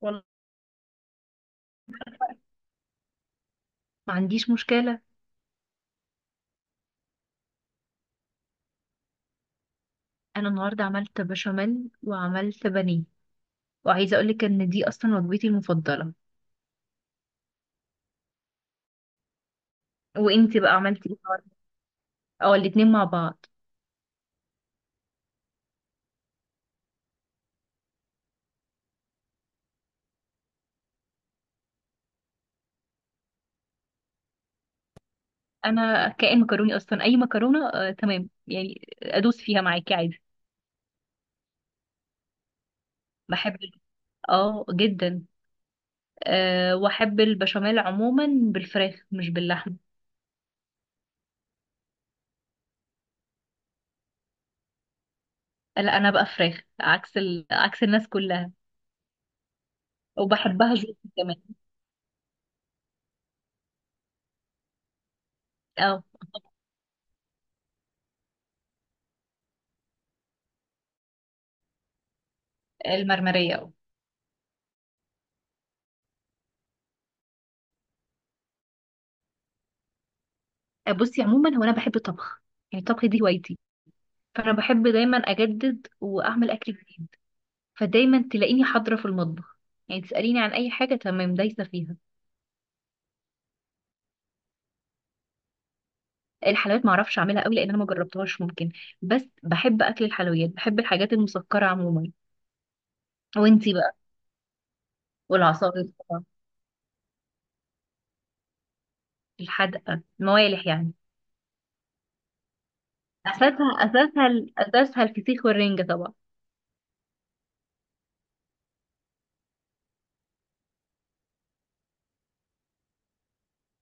والله، ما عنديش مشكلة. أنا النهاردة عملت بشاميل وعملت بانيه، وعايزة أقولك إن دي أصلا وجبتي المفضلة. وإنتي بقى عملتي إيه النهاردة؟ أو الاتنين مع بعض. أنا كائن مكروني أصلا، أي مكرونة آه تمام، يعني أدوس فيها معاكي عادي. بحب ال- اه، جدا. أه، وأحب البشاميل عموما، بالفراخ مش باللحمة. لا، أنا بقى فراخ، عكس الناس كلها، وبحبها جدا كمان. اه، المرمرية. اه، بصي، عموما هو أنا بحب الطبخ، يعني الطبخ دي هوايتي، فانا بحب دايما اجدد واعمل اكل جديد. فدايما تلاقيني حاضره في المطبخ، يعني تساليني عن اي حاجه تمام دايسه فيها. الحلويات ما اعرفش اعملها قوي، لان انا ما جربتهاش. ممكن، بس بحب اكل الحلويات، بحب الحاجات المسكره عموما. وانتي بقى؟ والعصائر طبعا. الحدقه الموالح يعني. اساسها الفسيخ والرنجه طبعا.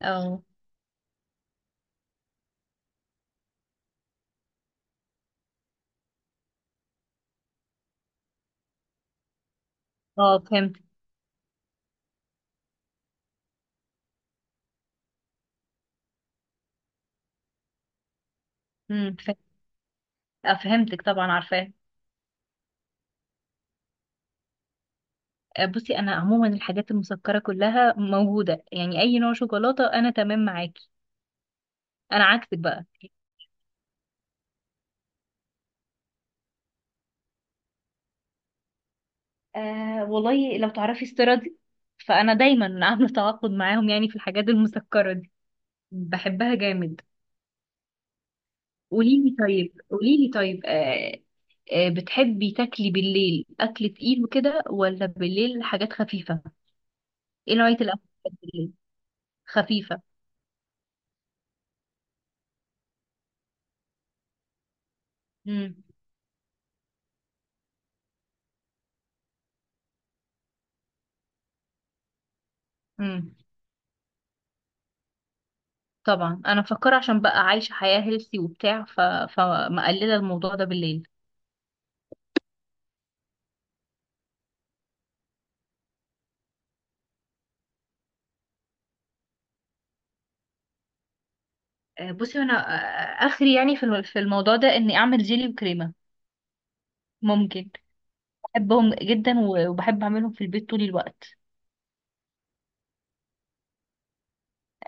اه اه، فهمت. فهمت. آه، فهمتك طبعا، عارفاه. آه، بصي انا، عموما الحاجات المسكره كلها موجوده، يعني اي نوع شوكولاته انا تمام معاكي. انا عكسك بقى. آه، والله لو تعرفي استيرادي، فانا دايما عامله تعاقد معاهم، يعني في الحاجات المسكره دي بحبها جامد. قوليلي طيب. آه، بتحبي تاكلي بالليل اكل تقيل وكده، ولا بالليل حاجات خفيفه؟ ايه نوعيه الاكل اللي بتحبي بالليل؟ خفيفه؟ امم امم طبعا انا مفكره، عشان بقى عايشه حياه هيلثي وبتاع، فمقلله الموضوع ده بالليل. آه، بصي انا اخري، يعني في الموضوع ده، اني اعمل جيلي وكريمه. ممكن. بحبهم جدا، وبحب اعملهم في البيت طول الوقت.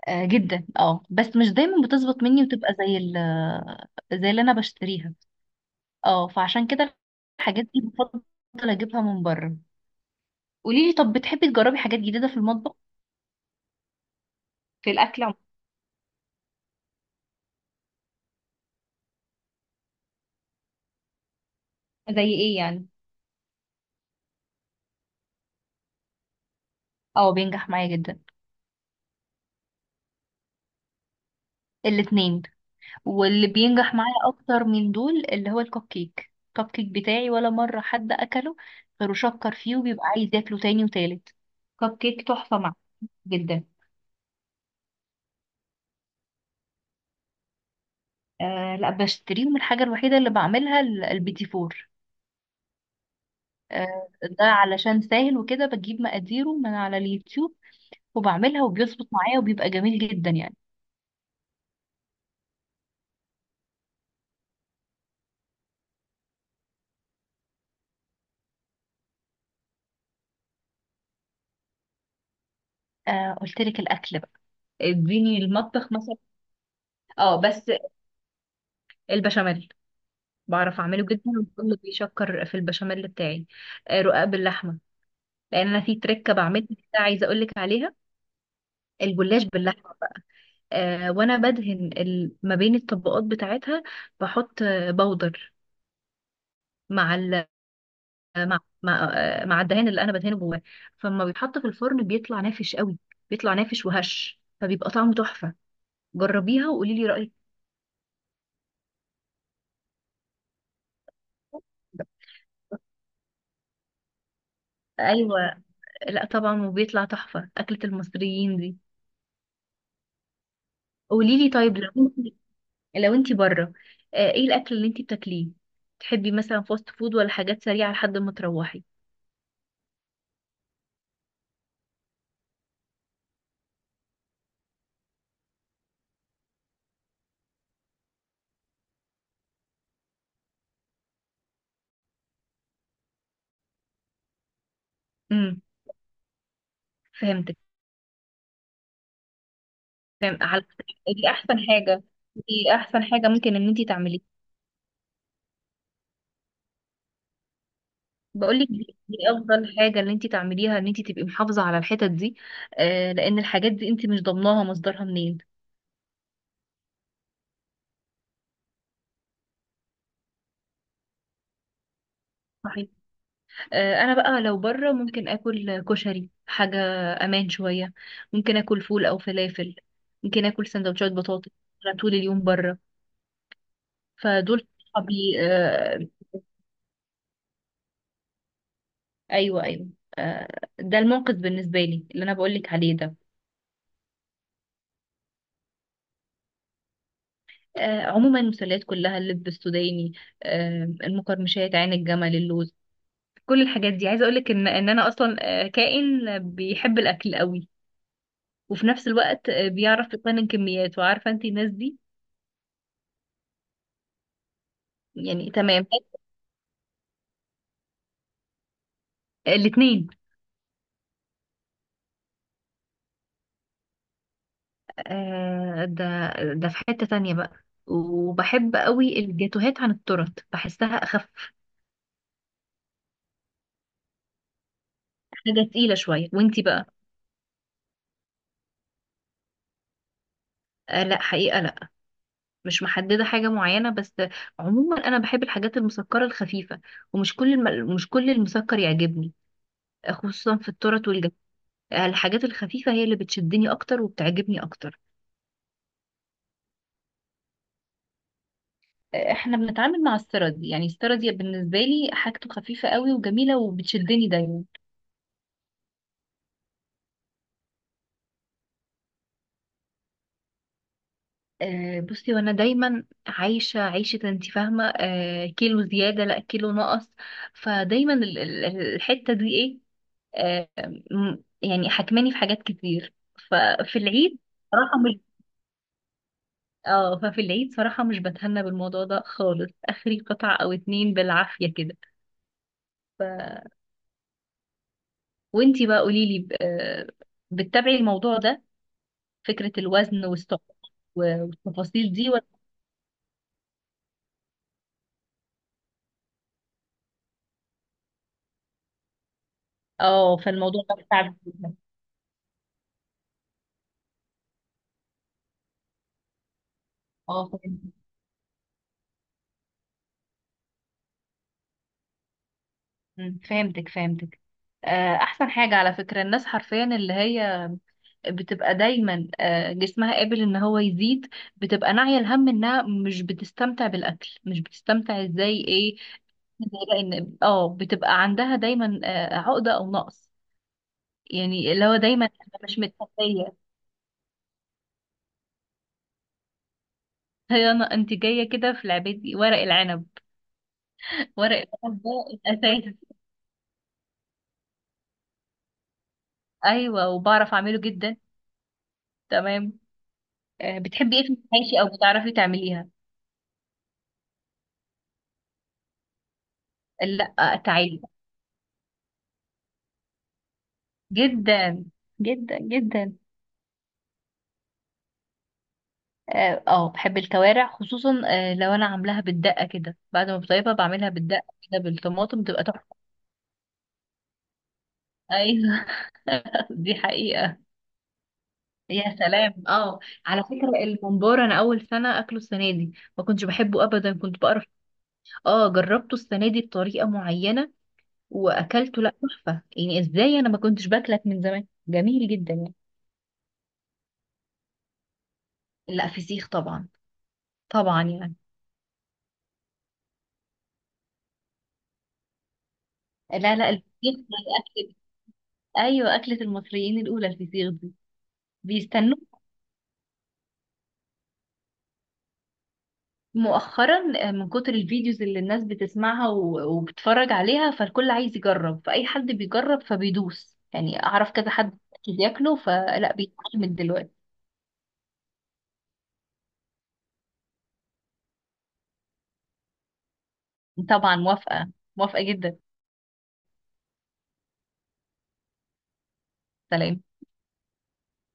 آه، جدا. اه بس مش دايما بتظبط مني، وتبقى زي اللي انا بشتريها. اه، فعشان كده الحاجات دي بفضل اجيبها من بره. قولي لي، طب بتحبي تجربي حاجات جديدة في المطبخ، في الاكل عموما؟ زي ايه يعني؟ اه بينجح معايا جدا. الاتنين. واللي بينجح معايا اكتر من دول اللي هو الكب كيك بتاعي، ولا مرة حد اكله غير شكر فيه، وبيبقى عايز ياكله تاني وتالت. كب كيك تحفة معايا جدا. آه لا، بشتريهم. الحاجة الوحيدة اللي بعملها البيتي فور. آه، ده علشان سهل وكده، بجيب مقاديره من على اليوتيوب وبعملها، وبيظبط معايا وبيبقى جميل جدا يعني. آه، قلت لك الأكل بقى، اديني المطبخ مثلا. اه بس البشاميل، بعرف اعمله جدا، وكله بيشكر في البشاميل بتاعي. آه، رقاق باللحمة، لان انا في تركة بعملها كده، عايزة اقول لك عليها. الجلاش باللحمة. آه، وانا بدهن ما بين الطبقات بتاعتها، بحط آه، بودر مع مع الدهان اللي انا بدهنه جواه، فلما بيتحط في الفرن بيطلع نافش قوي، بيطلع نافش وهش، فبيبقى طعمه تحفة. جربيها وقولي لي رأيك. ايوه. لا طبعا، وبيطلع تحفة، أكلة المصريين دي. قولي لي طيب، انت لو انت بره، آه، ايه الاكل اللي انت بتاكليه؟ تحبي مثلا فاست فود، ولا حاجات سريعة لحد ما تروحي؟ امم فهمتك، فهم على. دي احسن حاجة دي احسن حاجة ممكن ان انت تعمليها. بقولك دي افضل حاجه ان انت تعمليها، ان انت تبقي محافظه على الحتت دي. آه لان الحاجات دي انت مش ضامناها مصدرها منين. صحيح. آه، انا بقى لو بره، ممكن اكل كشري، حاجه امان شويه، ممكن اكل فول او فلافل، ممكن اكل سندوتشات بطاطس. أنا طول اليوم بره، فدول صحابي. آه ايوه، ايوه. آه، ده الموقف بالنسبه لي اللي انا بقولك عليه ده. آه، عموما المسلات كلها، اللب السوداني، آه، المقرمشات، عين الجمل، اللوز، كل الحاجات دي. عايزه اقول لك ان انا اصلا آه، كائن بيحب الاكل قوي، وفي نفس الوقت آه، بيعرف يقنن كميات، وعارفه انت الناس دي. يعني تمام. الاثنين. آه ده في حته تانية بقى، وبحب قوي الجاتوهات عن التورت، بحسها اخف، حاجه تقيله شويه. وانتي بقى؟ آه لا، حقيقه لا، مش محدده حاجه معينه، بس عموما انا بحب الحاجات المسكره الخفيفه، ومش كل مش كل المسكر يعجبني، خصوصا في التورت. الحاجات الخفيفة هي اللي بتشدني أكتر وبتعجبني أكتر. احنا بنتعامل مع السردي، يعني السردي بالنسبه لي حاجته خفيفه قوي وجميله، وبتشدني دايما. آه، بصي، وانا دايما عايشه عيشه انت فاهمه آه، كيلو زياده لا كيلو نقص. فدايما الحته دي ايه، آه، م- يعني حكماني في حاجات كتير. ففي العيد صراحه مش اه ففي العيد صراحه مش بتهنى بالموضوع ده خالص، اخري قطعه او اتنين بالعافيه كده. وانتي بقى قوليلي آه، بتتابعي الموضوع ده، فكرة الوزن والسعر والتفاصيل دي ولا؟ اه، فالموضوع ده بتاعك جدا. اه، فهمتك. مم، فهمتك. آه، احسن حاجة على فكرة، الناس حرفيا اللي هي بتبقى دايما آه، جسمها قابل ان هو يزيد، بتبقى ناعية الهم انها مش بتستمتع بالاكل، مش بتستمتع ازاي ايه. زي بقى ان اه بتبقى عندها دايما آه، عقدة او نقص، يعني اللي هو دايما انا مش متكفية. هي انا انت جايه كده في لعبتي، ورق العنب. ورق العنب ده الاساس. ايوه، وبعرف اعمله جدا. تمام. آه، بتحبي ايه في المحاشي، او بتعرفي تعمليها؟ لا، تعالي. جدا جدا جدا. اه، بحب الكوارع، خصوصا آه، لو انا عاملاها بالدقه كده، بعد ما بطيبها بعملها بالدقه كده بالطماطم، بتبقى تحفه. ايوه دي حقيقه. يا سلام اه. على فكره الممبار، انا اول سنه اكله السنه دي، ما كنتش بحبه ابدا، كنت بقرف. اه، جربته السنه دي بطريقه معينه واكلته، لا تحفه، يعني ازاي انا ما كنتش باكلك من زمان، جميل جدا يعني. لا، فسيخ طبعا. طبعا يعني. لا لا، الفسيخ ده اكل. ايوه، اكله المصريين الاولى الفسيخ دي، بيستنوه مؤخرا آه، من كتر الفيديوز اللي الناس بتسمعها وبتتفرج عليها، فالكل عايز يجرب، فاي حد بيجرب فبيدوس، يعني اعرف كذا حد بياكله، فلا بيتعلم دلوقتي. طبعا موافقه، موافقه جدا. سلام